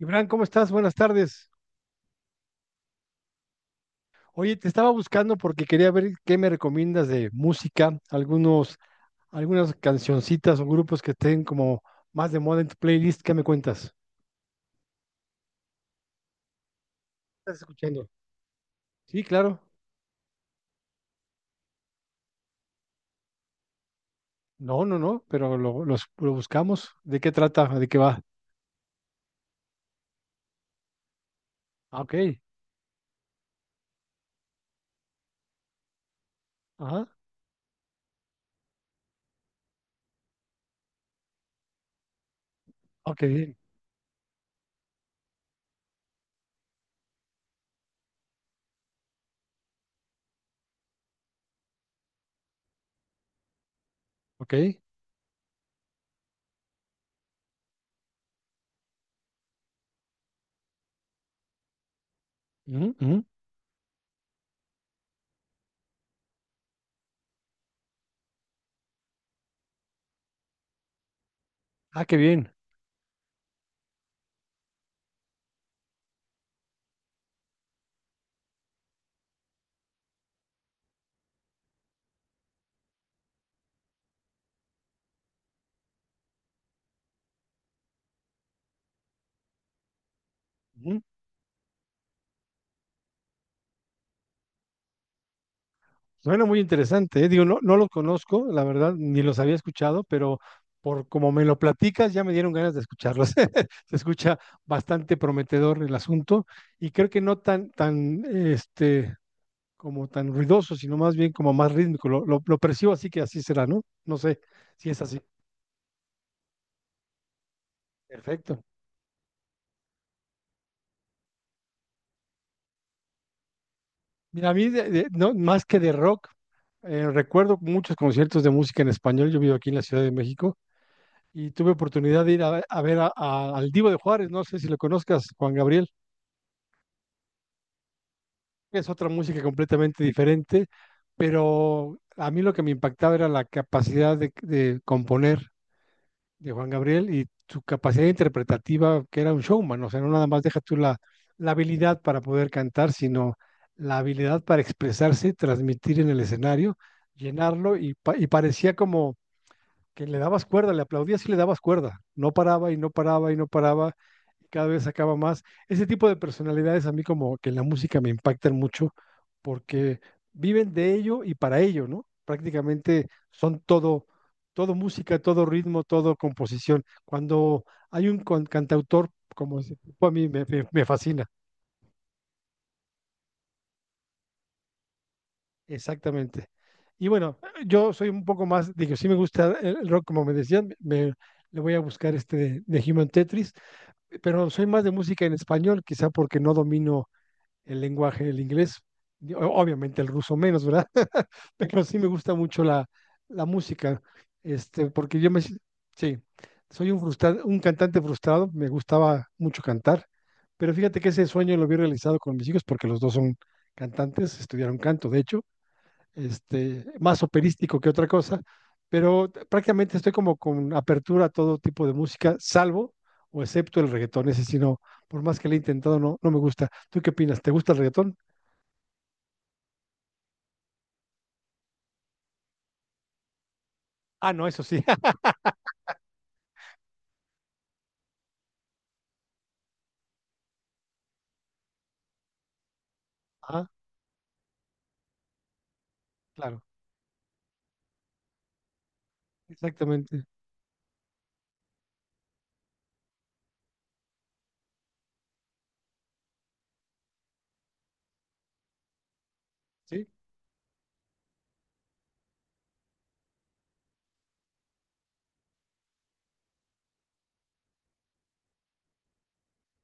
Iván, ¿cómo estás? Buenas tardes. Oye, te estaba buscando porque quería ver qué me recomiendas de música, algunas cancioncitas o grupos que estén como más de moda en tu playlist. ¿Qué me cuentas? ¿Estás escuchando? Sí, claro. No, no, no, pero lo buscamos. ¿De qué trata? ¿De qué va? Ah, ok. Ajá. Ok, bien. Ok. Ujú, ujú. Ah, qué bien. Suena muy interesante, ¿eh? Digo, no, no los conozco, la verdad, ni los había escuchado, pero por como me lo platicas, ya me dieron ganas de escucharlos. Se escucha bastante prometedor el asunto y creo que no tan, como tan ruidoso, sino más bien como más rítmico. Lo percibo así que así será, ¿no? No sé si es así. Perfecto. Mira, a mí, no, más que de rock, recuerdo muchos conciertos de música en español. Yo vivo aquí en la Ciudad de México y tuve oportunidad de ir a ver al Divo de Juárez, no sé si lo conozcas, Juan Gabriel, es otra música completamente diferente, pero a mí lo que me impactaba era la capacidad de componer de Juan Gabriel y su capacidad interpretativa, que era un showman, o sea, no nada más deja tú la habilidad para poder cantar, sino la habilidad para expresarse, transmitir en el escenario, llenarlo y parecía como que le dabas cuerda, le aplaudías y le dabas cuerda. No paraba y no paraba y no paraba, y cada vez sacaba más. Ese tipo de personalidades a mí como que en la música me impactan mucho porque viven de ello y para ello, ¿no? Prácticamente son todo, todo música, todo ritmo, todo composición. Cuando hay un cantautor como ese tipo, a mí me fascina, exactamente. Y bueno, yo soy un poco más, digo, sí me gusta el rock, como me decían, le voy a buscar este de Human Tetris, pero soy más de música en español, quizá porque no domino el lenguaje del inglés, y obviamente el ruso menos, ¿verdad? Pero sí me gusta mucho la, la música, este, porque yo me, si- sí, soy un un cantante frustrado, me gustaba mucho cantar, pero fíjate que ese sueño lo vi realizado con mis hijos porque los dos son cantantes, estudiaron canto, de hecho, este, más operístico que otra cosa, pero prácticamente estoy como con apertura a todo tipo de música, salvo o excepto el reggaetón. Ese sí no, por más que le he intentado, no, no me gusta. ¿Tú qué opinas? ¿Te gusta el reggaetón? Ah, no, eso sí. Ah, claro, exactamente. Sí,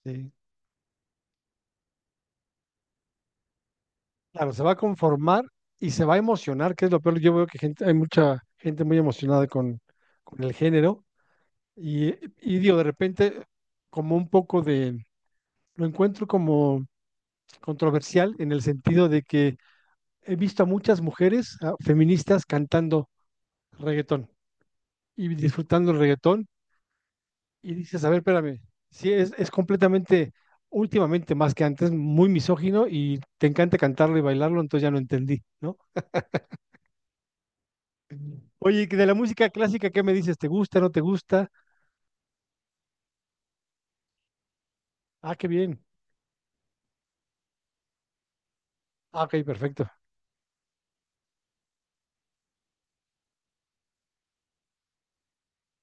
sí. Claro, se va a conformar y se va a emocionar, que es lo peor. Yo veo que gente, hay mucha gente muy emocionada con el género y, y digo, de repente, como un poco lo encuentro como controversial en el sentido de que he visto a muchas mujeres a feministas cantando reggaetón y disfrutando el reggaetón y dices, a ver, espérame, sí, es completamente, últimamente más que antes, muy misógino y te encanta cantarlo y bailarlo, entonces ya no entendí, ¿no? Oye, que de la música clásica, ¿qué me dices? ¿Te gusta, no te gusta? Ah, qué bien. Ah, ok, perfecto.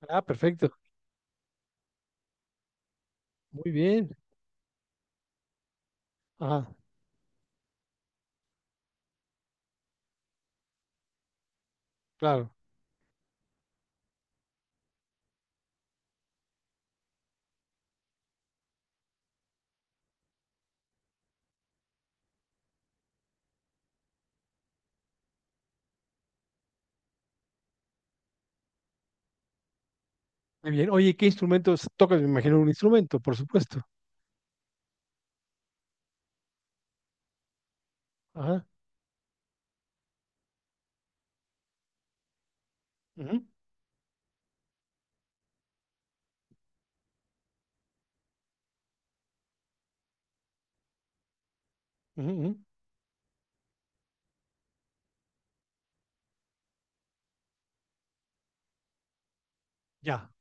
Ah, perfecto. Muy bien. Ajá, claro. Muy bien. Oye, ¿qué instrumentos tocas? Me imagino un instrumento, por supuesto. Ajá. Ujú, ujú, ujú. Ya.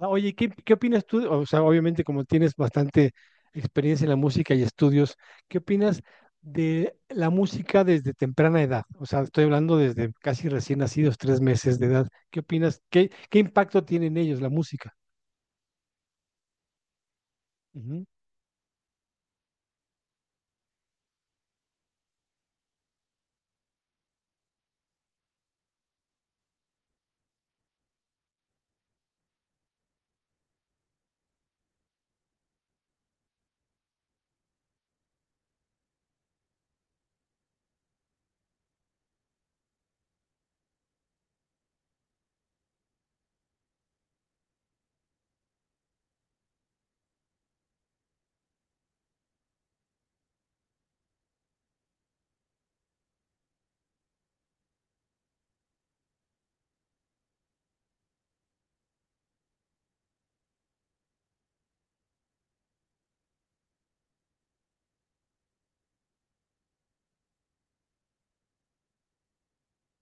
Ah, oye, ¿qué opinas tú? O sea, obviamente como tienes bastante experiencia en la música y estudios, ¿qué opinas de la música desde temprana edad? O sea, estoy hablando desde casi recién nacidos, 3 meses de edad. ¿Qué opinas? ¿Qué impacto tiene en ellos la música? Ujú,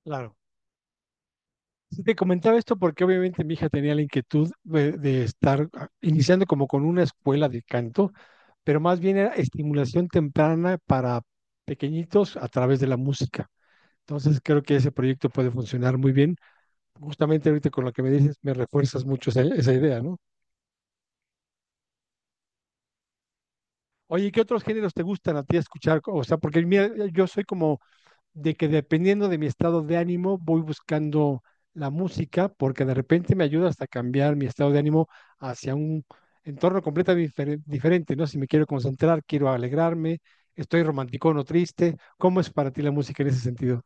claro. Sí, te comentaba esto porque obviamente mi hija tenía la inquietud de estar iniciando como con una escuela de canto, pero más bien era estimulación temprana para pequeñitos a través de la música. Entonces creo que ese proyecto puede funcionar muy bien. Justamente ahorita con lo que me dices, me refuerzas mucho esa idea, ¿no? Oye, ¿y qué otros géneros te gustan a ti escuchar? O sea, porque mira, yo soy como de que dependiendo de mi estado de ánimo, voy buscando la música, porque de repente me ayuda hasta cambiar mi estado de ánimo hacia un entorno completamente diferente, ¿no? Si me quiero concentrar, quiero alegrarme, estoy romántico o triste. ¿Cómo es para ti la música en ese sentido?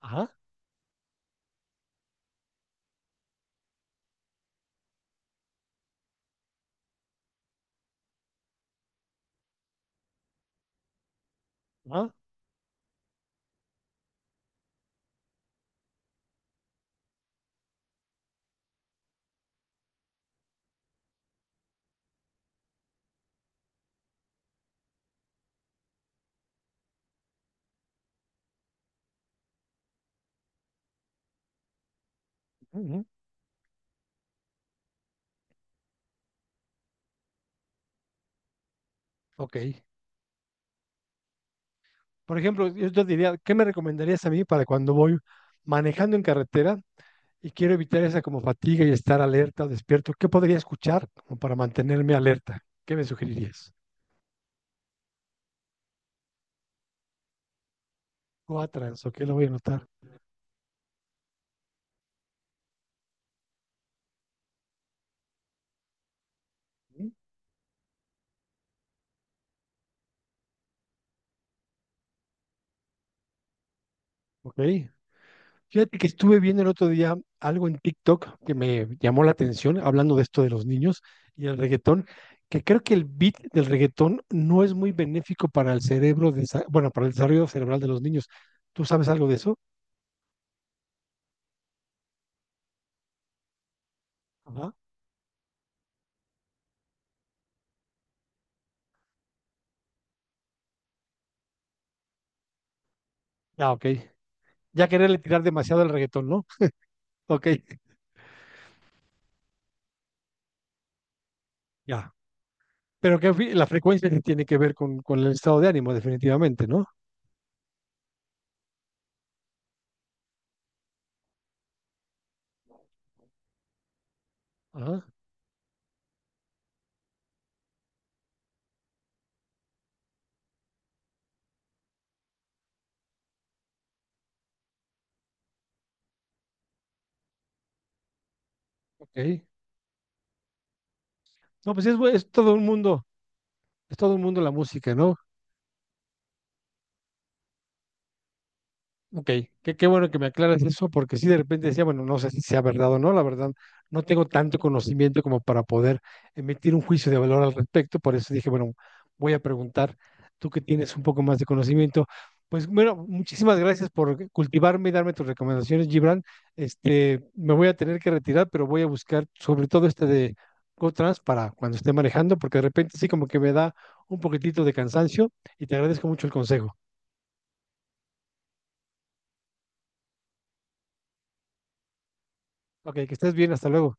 Ajá, ajá, ujú, ok. Por ejemplo, yo te diría, ¿qué me recomendarías a mí para cuando voy manejando en carretera y quiero evitar esa como fatiga y estar alerta o despierto? ¿Qué podría escuchar como para mantenerme alerta? ¿Qué me sugerirías? Cuatrans, ok, lo voy a anotar. Ujú. Ok. Fíjate que estuve viendo el otro día algo en TikTok que me llamó la atención, hablando de esto de los niños y el reggaetón, que creo que el beat del reggaetón no es muy benéfico para el cerebro, de bueno, para el desarrollo cerebral de los niños. ¿Tú sabes algo de eso? Ajá. Ah, ok. Ya quererle tirar demasiado al reggaetón, ¿no? Ok, ya. Pero que la frecuencia que tiene que ver con el estado de ánimo, definitivamente, ¿no? Ajá, ok. No, pues es, es todo un mundo, es todo un mundo la música, ¿no? Ok, qué bueno que me aclaras eso, porque sí de repente decía, bueno, no sé si sea verdad o no, la verdad, no tengo tanto conocimiento como para poder emitir un juicio de valor al respecto, por eso dije, bueno, voy a preguntar, tú que tienes un poco más de conocimiento. Pues bueno, muchísimas gracias por cultivarme y darme tus recomendaciones, Gibran. Este, me voy a tener que retirar, pero voy a buscar sobre todo este de GoTrans para cuando esté manejando, porque de repente sí como que me da un poquitito de cansancio y te agradezco mucho el consejo. Ok, que estés bien, hasta luego.